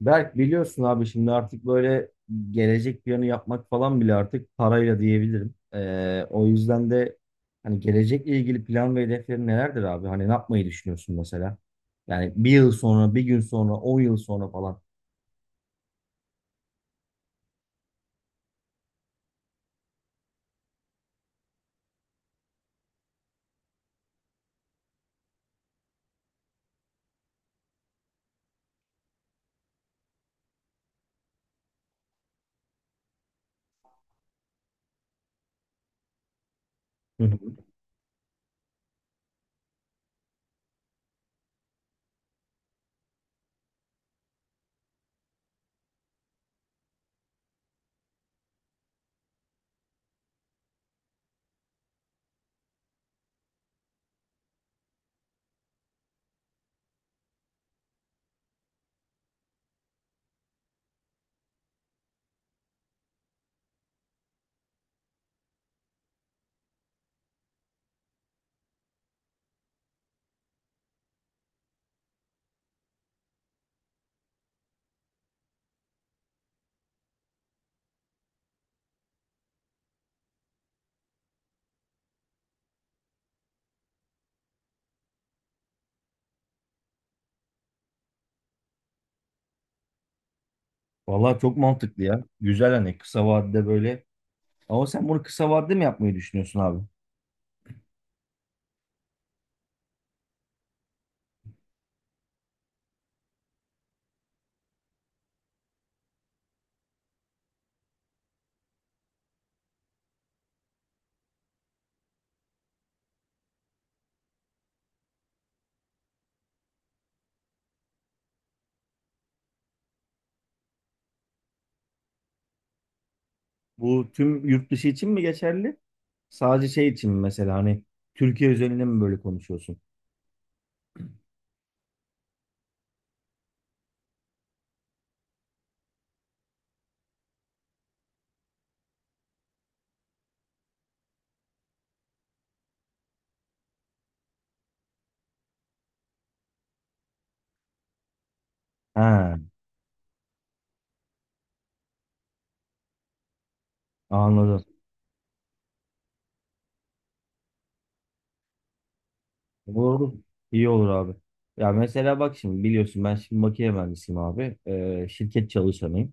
Berk biliyorsun abi şimdi artık böyle gelecek planı yapmak falan bile artık parayla diyebilirim. O yüzden de hani gelecekle ilgili plan ve hedeflerin nelerdir abi? Hani ne yapmayı düşünüyorsun mesela? Yani bir yıl sonra, bir gün sonra, 10 yıl sonra falan. Hı hı. Vallahi çok mantıklı ya. Güzel hani kısa vadede böyle. Ama sen bunu kısa vadede mi yapmayı düşünüyorsun abi? Bu tüm yurt dışı için mi geçerli? Sadece şey için mi mesela hani Türkiye özelinde mi böyle konuşuyorsun? Ha, anladım. Olur. Olur. İyi olur abi. Ya mesela bak şimdi biliyorsun ben şimdi makine mühendisiyim abi. Şirket çalışanıyım.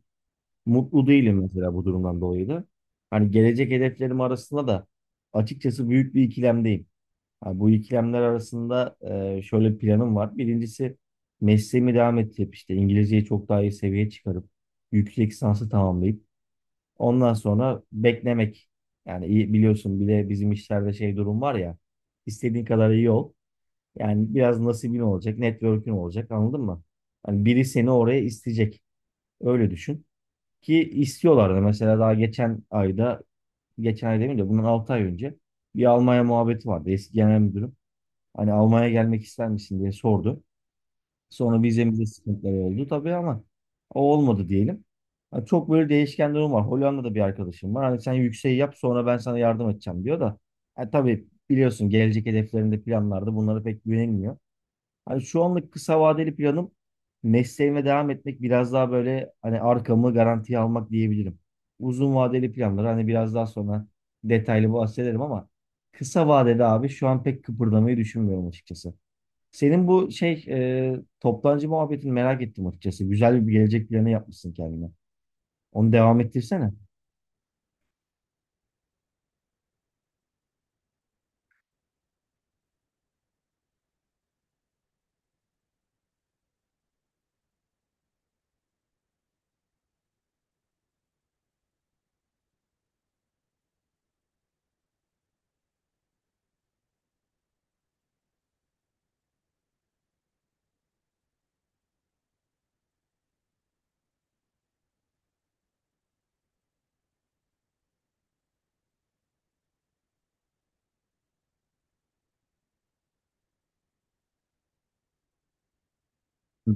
Mutlu değilim mesela bu durumdan dolayı da. Hani gelecek hedeflerim arasında da açıkçası büyük bir ikilemdeyim. Ha, bu ikilemler arasında şöyle bir planım var. Birincisi mesleğimi devam ettirip işte İngilizceyi çok daha iyi seviyeye çıkarıp yüksek lisansı tamamlayıp ondan sonra beklemek. Yani iyi, biliyorsun bile bizim işlerde şey durum var ya istediğin kadar iyi ol. Yani biraz nasibin olacak, network'ün olacak anladın mı? Hani biri seni oraya isteyecek. Öyle düşün. Ki istiyorlardı. Mesela daha geçen ayda, geçen ay demeyeyim de bundan 6 ay önce bir Almanya muhabbeti vardı. Eski genel müdürüm. Hani Almanya'ya gelmek ister misin diye sordu. Sonra vizemizde sıkıntılar oldu tabii ama o olmadı diyelim. Hani çok böyle değişken durum var. Hollanda'da bir arkadaşım var. Hani sen yükseği yap sonra ben sana yardım edeceğim diyor da. Ha, tabii biliyorsun gelecek hedeflerinde planlarda bunlara pek güvenilmiyor. Hani şu anlık kısa vadeli planım mesleğime devam etmek biraz daha böyle hani arkamı garantiye almak diyebilirim. Uzun vadeli planları hani biraz daha sonra detaylı bahsederim ama kısa vadede abi şu an pek kıpırdamayı düşünmüyorum açıkçası. Senin bu şey toptancı muhabbetini merak ettim açıkçası. Güzel bir gelecek planı yapmışsın kendine. Onu devam ettirsene. Hı.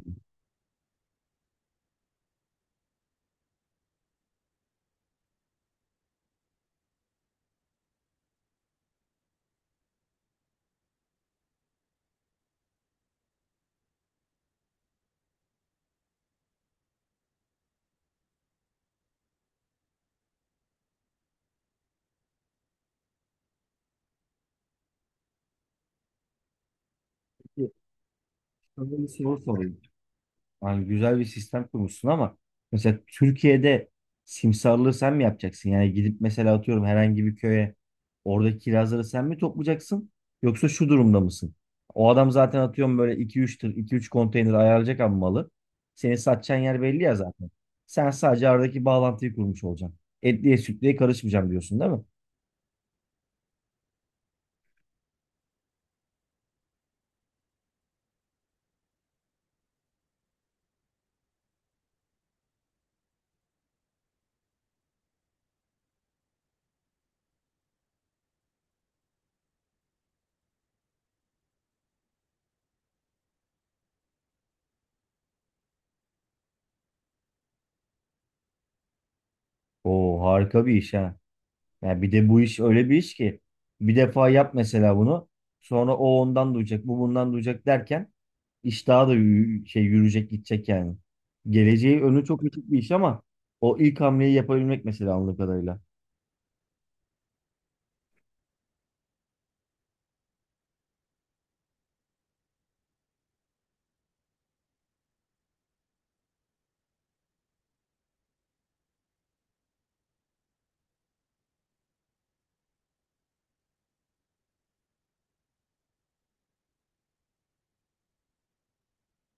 Peki, sana bir soru sorayım. Yani güzel bir sistem kurmuşsun ama mesela Türkiye'de simsarlığı sen mi yapacaksın? Yani gidip mesela atıyorum herhangi bir köye oradaki kirazları sen mi toplayacaksın? Yoksa şu durumda mısın? O adam zaten atıyorum böyle iki üç tır, iki üç konteyner ayarlayacak ama malı. Seni satacağın yer belli ya zaten. Sen sadece aradaki bağlantıyı kurmuş olacaksın. Etliye sütlüye karışmayacağım diyorsun değil mi? Oo harika bir iş ha. Yani bir de bu iş öyle bir iş ki bir defa yap mesela bunu. Sonra o ondan duyacak, bu bundan duyacak derken iş daha da yürüyecek, gidecek yani. Geleceği önü çok açık bir iş ama o ilk hamleyi yapabilmek mesela anladığım kadarıyla.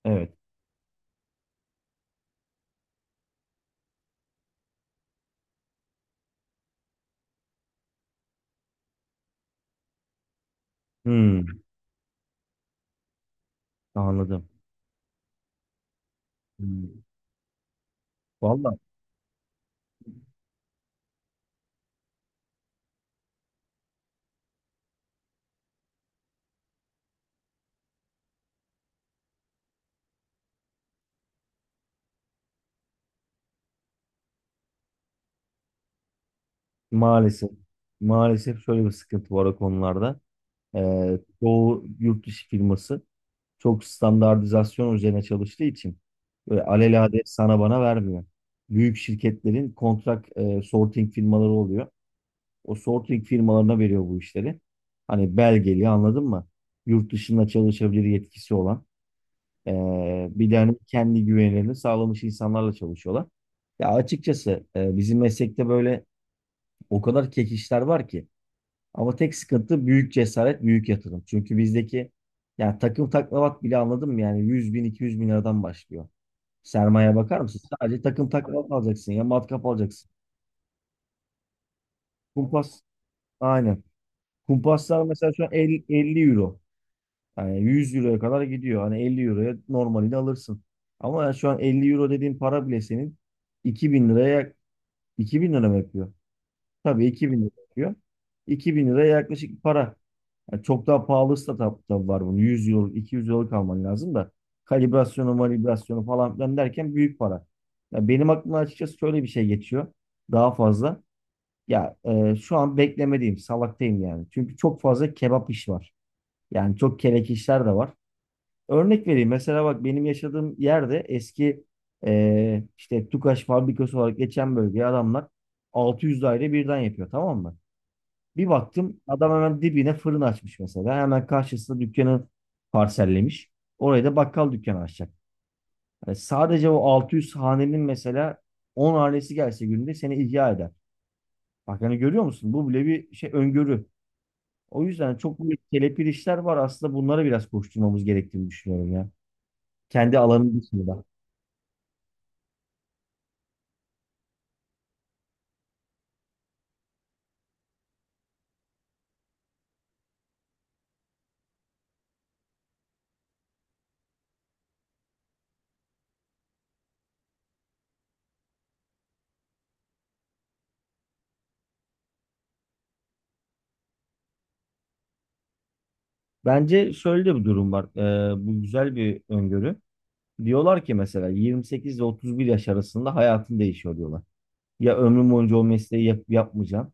Evet. Hmm, anladım. Hmm. Valla maalesef maalesef şöyle bir sıkıntı var o konularda. Çoğu yurt dışı firması çok standartizasyon üzerine çalıştığı için böyle alelade sana bana vermiyor. Büyük şirketlerin kontrak sorting firmaları oluyor. O sorting firmalarına veriyor bu işleri. Hani belgeli anladın mı? Yurt dışında çalışabilir yetkisi olan. e, Bir de hani kendi güvenilerini sağlamış insanlarla çalışıyorlar. Ya açıkçası bizim meslekte böyle o kadar kek işler var ki. Ama tek sıkıntı büyük cesaret, büyük yatırım. Çünkü bizdeki yani takım taklavat bile anladım yani 100 bin, 200 bin liradan başlıyor. Sermaye bakar mısın? Sadece takım taklavat alacaksın ya matkap alacaksın. Kumpas aynen. Kumpaslar mesela şu an 50, 50 euro. Yani 100 euroya kadar gidiyor. Hani 50 euroya normalini alırsın. Ama yani şu an 50 euro dediğin para bile senin 2000 liraya 2000 lira mı yapıyor? Tabii 2000 lira yapıyor. 2000 liraya yaklaşık para. Yani çok daha pahalı startup'ta var bunun. 100 yıl, 200 yıllık alman lazım da. Kalibrasyonu, validasyonu falan filan derken büyük para. Ya benim aklımdan açıkçası şöyle bir şey geçiyor. Daha fazla. Ya şu an beklemediğim, salaktayım yani. Çünkü çok fazla kebap iş var. Yani çok kelek işler de var. Örnek vereyim. Mesela bak benim yaşadığım yerde eski işte Tukaş fabrikası olarak geçen bölgeye adamlar 600 daire birden yapıyor tamam mı? Bir baktım adam hemen dibine fırın açmış mesela. Hemen karşısında dükkanı parsellemiş. Oraya da bakkal dükkanı açacak. Yani sadece o 600 hanenin mesela 10 hanesi gelse günde seni ihya eder. Bak hani görüyor musun? Bu bile bir şey öngörü. O yüzden çok büyük kelepir işler var. Aslında bunlara biraz koşturmamız gerektiğini düşünüyorum ya. Kendi alanının dışında. Bence şöyle de bir durum var. Bu güzel bir öngörü. Diyorlar ki mesela 28 ile 31 yaş arasında hayatın değişiyor diyorlar. Ya ömrüm boyunca o mesleği yapmayacağım.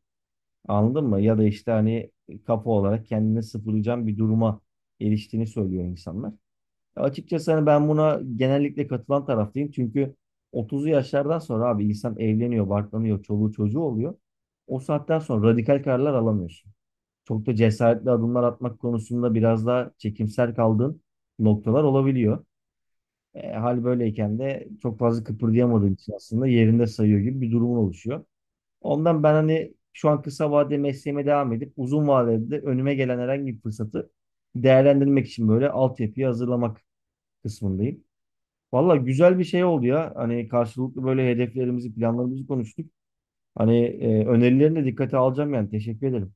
Anladın mı? Ya da işte hani kafa olarak kendini sıfırlayacağım bir duruma eriştiğini söylüyor insanlar. Ya açıkçası hani ben buna genellikle katılan taraftayım. Çünkü 30'lu yaşlardan sonra abi insan evleniyor, barklanıyor, çoluğu çocuğu oluyor. O saatten sonra radikal kararlar alamıyorsun. Çok da cesaretli adımlar atmak konusunda biraz daha çekimser kaldığın noktalar olabiliyor. Hal böyleyken de çok fazla kıpırdayamadığın için aslında yerinde sayıyor gibi bir durumun oluşuyor. Ondan ben hani şu an kısa vadeli mesleğime devam edip uzun vadede de önüme gelen herhangi bir fırsatı değerlendirmek için böyle altyapıyı hazırlamak kısmındayım. Valla güzel bir şey oldu ya. Hani karşılıklı böyle hedeflerimizi, planlarımızı konuştuk. Hani önerilerini de dikkate alacağım yani. Teşekkür ederim.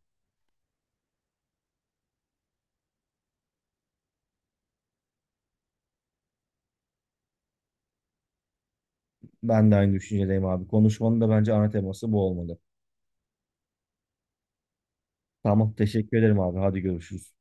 Ben de aynı düşüncedeyim abi. Konuşmanın da bence ana teması bu olmalı. Tamam, teşekkür ederim abi. Hadi görüşürüz.